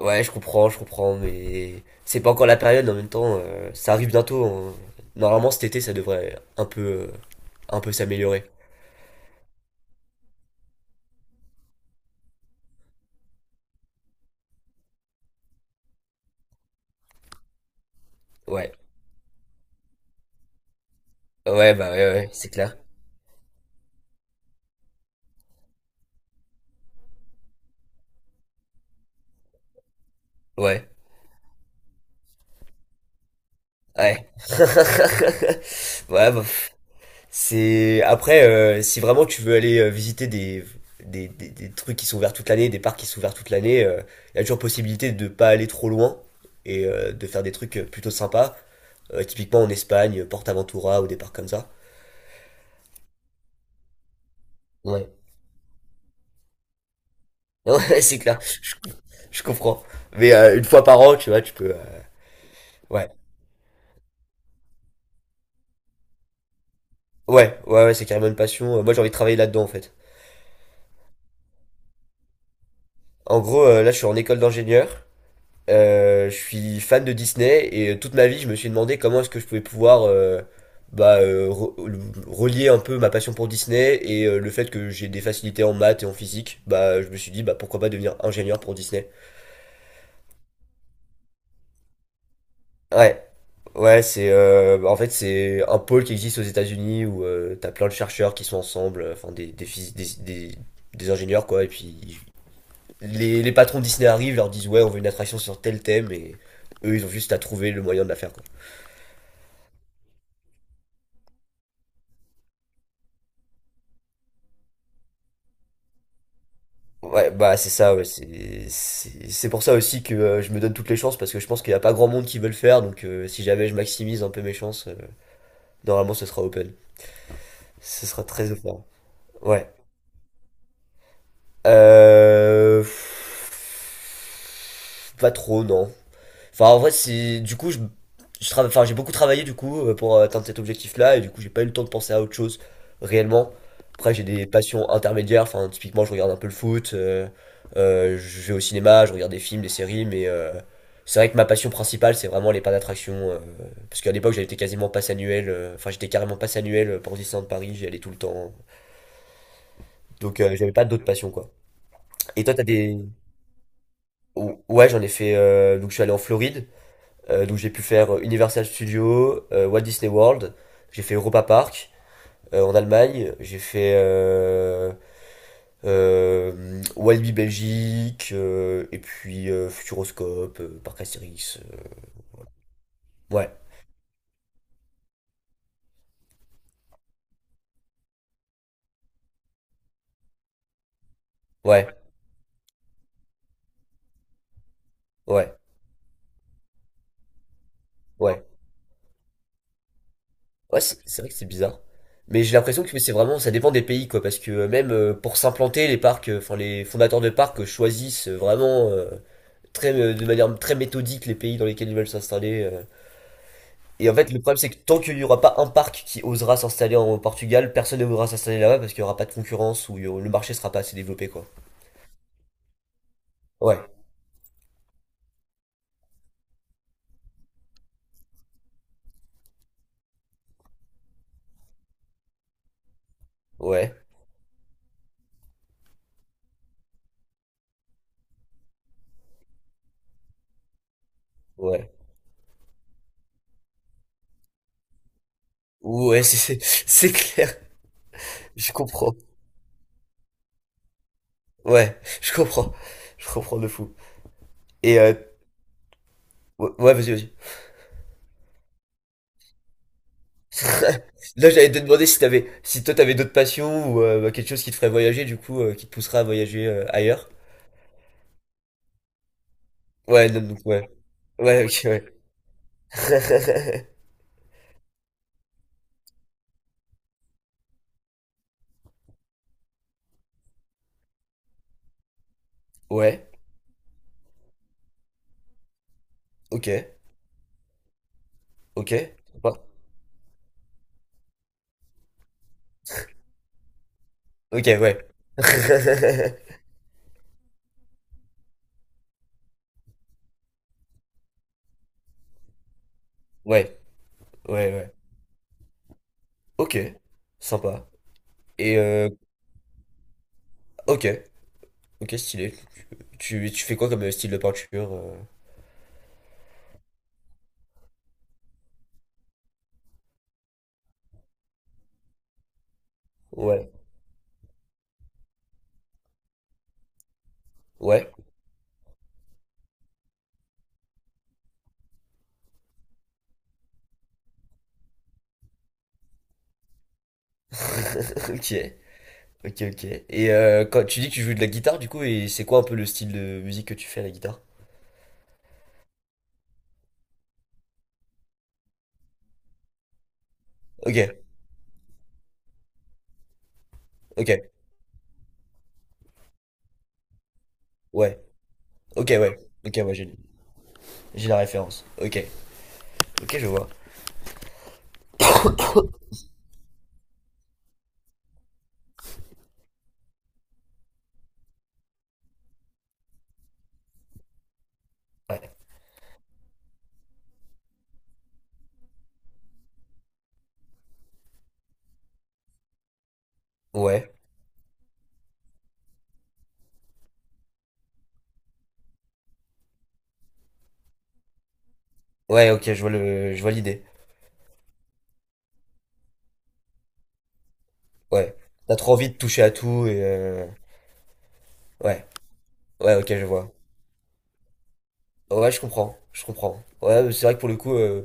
Ouais, je comprends, mais c'est pas encore la période en même temps. Ça arrive bientôt, hein. Normalement, cet été, ça devrait un peu s'améliorer. Ouais, ouais, bah ouais, ouais, c'est clair. Ouais, ouais. Ouais, bah, pff, c'est après, si vraiment tu veux aller, visiter des trucs qui sont ouverts toute l'année, des parcs qui sont ouverts toute l'année. Il y a toujours possibilité de pas aller trop loin, et de faire des trucs plutôt sympas. Typiquement en Espagne, Portaventura, ou des parcs comme ça. Ouais. Ouais, ouais, c'est clair. Je comprends. Mais une fois par an, tu vois, tu peux. Ouais, ouais, ouais, ouais, c'est carrément une passion. Moi, j'ai envie de travailler là-dedans, en fait. En gros, là, je suis en école d'ingénieur. Je suis fan de Disney, et toute ma vie, je me suis demandé comment est-ce que je pouvais pouvoir, bah, relier un peu ma passion pour Disney et le fait que j'ai des facilités en maths et en physique. Bah, je me suis dit, bah, pourquoi pas devenir ingénieur pour Disney. Ouais. Ouais, c'est, en fait c'est un pôle qui existe aux États-Unis, où t'as plein de chercheurs qui sont ensemble, enfin des, phys- des des ingénieurs quoi, et puis les patrons de Disney arrivent, leur disent ouais on veut une attraction sur tel thème, et eux ils ont juste à trouver le moyen de la faire quoi. Ouais, bah c'est ça, ouais, c'est pour ça aussi que je me donne toutes les chances, parce que je pense qu'il y a pas grand monde qui veut le faire, donc si jamais je maximise un peu mes chances, normalement ce sera open, ce sera très open. Ouais. Euh... pff, Pas trop, non. Enfin, en vrai, c'est du coup, enfin, j'ai beaucoup travaillé, du coup, pour atteindre cet objectif-là, et du coup, j'ai pas eu le temps de penser à autre chose réellement. Après, j'ai des passions intermédiaires. Enfin, typiquement, je regarde un peu le foot, je vais au cinéma, je regarde des films, des séries, mais c'est vrai que ma passion principale, c'est vraiment les parcs d'attractions, parce qu'à l'époque, j'avais été quasiment passe annuel. Enfin, j'étais carrément passe annuel, pour Disneyland Paris. J'y allais tout le temps. Donc, j'avais pas d'autres passions quoi. Et toi, t'as des... Ouais, j'en ai fait, donc, je suis allé en Floride. Donc j'ai pu faire, Universal Studios, Walt Disney World, j'ai fait Europa Park, en Allemagne, j'ai fait Walibi Belgique, et puis Futuroscope, Parc Astérix. Ouais, ouais, ouais, ouais. Ouais, c'est vrai que c'est bizarre. Mais j'ai l'impression que c'est vraiment, ça dépend des pays, quoi, parce que même pour s'implanter, les parcs, enfin les fondateurs de parcs choisissent vraiment, très, de manière très méthodique, les pays dans lesquels ils veulent s'installer. Et en fait, le problème, c'est que tant qu'il n'y aura pas un parc qui osera s'installer en Portugal, personne ne voudra s'installer là-bas, parce qu'il n'y aura pas de concurrence, ou le marché sera pas assez développé, quoi. Ouais, ouais, ouais. Ouais, c'est clair, je comprends. Ouais, je comprends. Je comprends de fou. Et ouais, ouais, vas-y, vas-y. Là, j'allais te demander si toi t'avais d'autres passions, ou bah, quelque chose qui te ferait voyager, du coup, qui te poussera à voyager ailleurs. Ouais, non, donc, ouais. Ouais, ok, ouais. Ouais, ok, ok. Sympa. Ok, ouais. Ouais, ouais, ouais. Ok, sympa. Et ok, ok, stylé. Tu fais quoi comme, style de peinture? Ouais, ouais, ok, ok, ok. Et quand tu dis que tu joues de la guitare, du coup, et c'est quoi un peu le style de musique que tu fais à la guitare? Ok, ok, ouais, ok, ouais, ok, ouais, j'ai la référence. Ok, ok, je vois. Ouais, ouais, ouais, ok, je vois l'idée. Ouais, t'as trop envie de toucher à tout, et ouais, ouais, ok, je vois. Ouais, ouais, je comprends, je comprends. Ouais, mais c'est vrai que pour le coup, euh,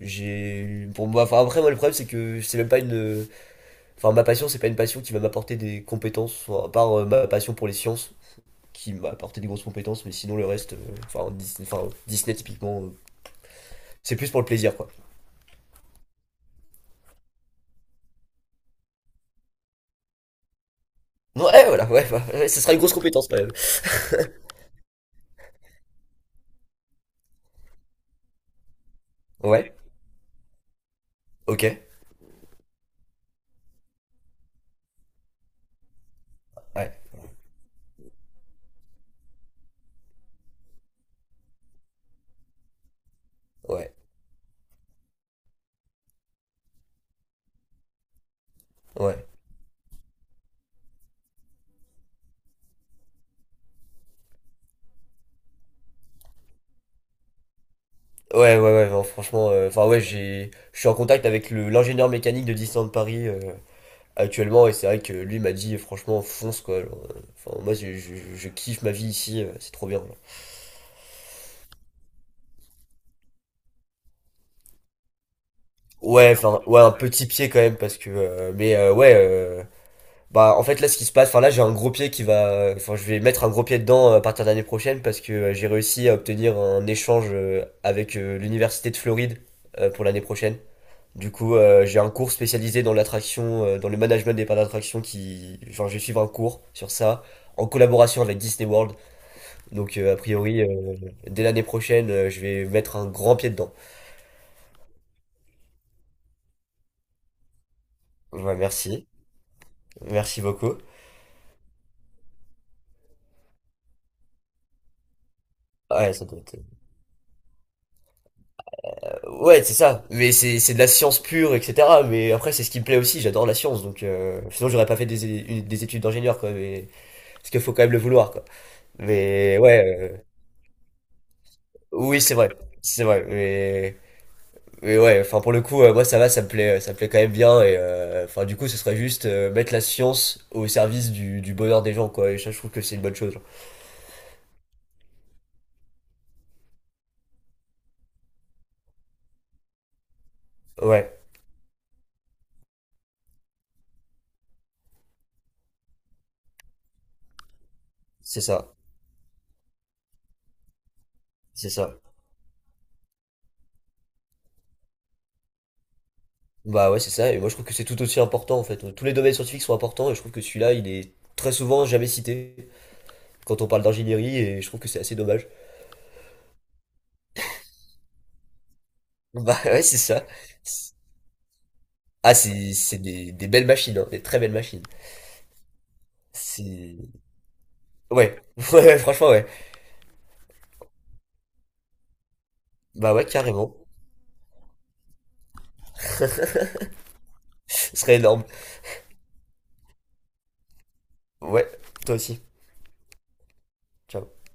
j'ai eu- pour moi, enfin après moi le problème c'est que c'est même pas une, enfin ma passion c'est pas une passion qui va m'apporter des compétences, enfin, à part ma passion pour les sciences, qui m'a apporté des grosses compétences, mais sinon le reste, enfin, Disney typiquement, c'est plus pour le plaisir quoi. Ouais, voilà, ouais, bah, ouais, ce sera une grosse compétence quand même. Ouais, ok, ouais, ouais, ouais. Ouais, ouais, ouais, non, franchement, enfin ouais, je suis en contact avec le l'ingénieur mécanique de Disneyland Paris, actuellement. Et c'est vrai que lui m'a dit, franchement, fonce quoi. Genre, enfin, moi, je kiffe ma vie ici, c'est trop bien, genre. Ouais, enfin, ouais, un petit pied quand même, parce que. Mais ouais, bah, en fait, là, ce qui se passe, enfin, là, j'ai un gros pied qui va. Enfin, je vais mettre un gros pied dedans, à partir de l'année prochaine, parce que j'ai réussi à obtenir un échange, avec l'université de Floride, pour l'année prochaine. Du coup, j'ai un cours spécialisé dans l'attraction, dans le management des parcs d'attraction qui. Genre, je vais suivre un cours sur ça, en collaboration avec Disney World. Donc, a priori, dès l'année prochaine, je vais mettre un grand pied dedans. Ouais, merci. Merci beaucoup. Ouais, ça doit être... euh, ouais, c'est ça. Mais c'est de la science pure, etc. Mais après, c'est ce qui me plaît aussi. J'adore la science. Donc, sinon, j'aurais pas fait des études d'ingénieur, quoi. Mais... Parce qu'il faut quand même le vouloir, quoi. Mais ouais, oui, c'est vrai. C'est vrai. Mais, ouais, enfin, pour le coup, moi, ça va, ça me plaît quand même bien. Et enfin, du coup, ce serait juste mettre la science au service du bonheur des gens, quoi. Et ça, je trouve que c'est une bonne chose, genre. Ouais. C'est ça, c'est ça. Bah ouais, c'est ça, et moi je trouve que c'est tout aussi important en fait. Tous les domaines scientifiques sont importants, et je trouve que celui-là, il est très souvent jamais cité quand on parle d'ingénierie, et je trouve que c'est assez dommage. Bah ouais, c'est ça. Ah, c'est des belles machines, hein, des très belles machines. C'est... Ouais, ouais, ouais, franchement, ouais. Bah ouais, carrément. Ce serait énorme. Ouais, toi aussi. Ciao.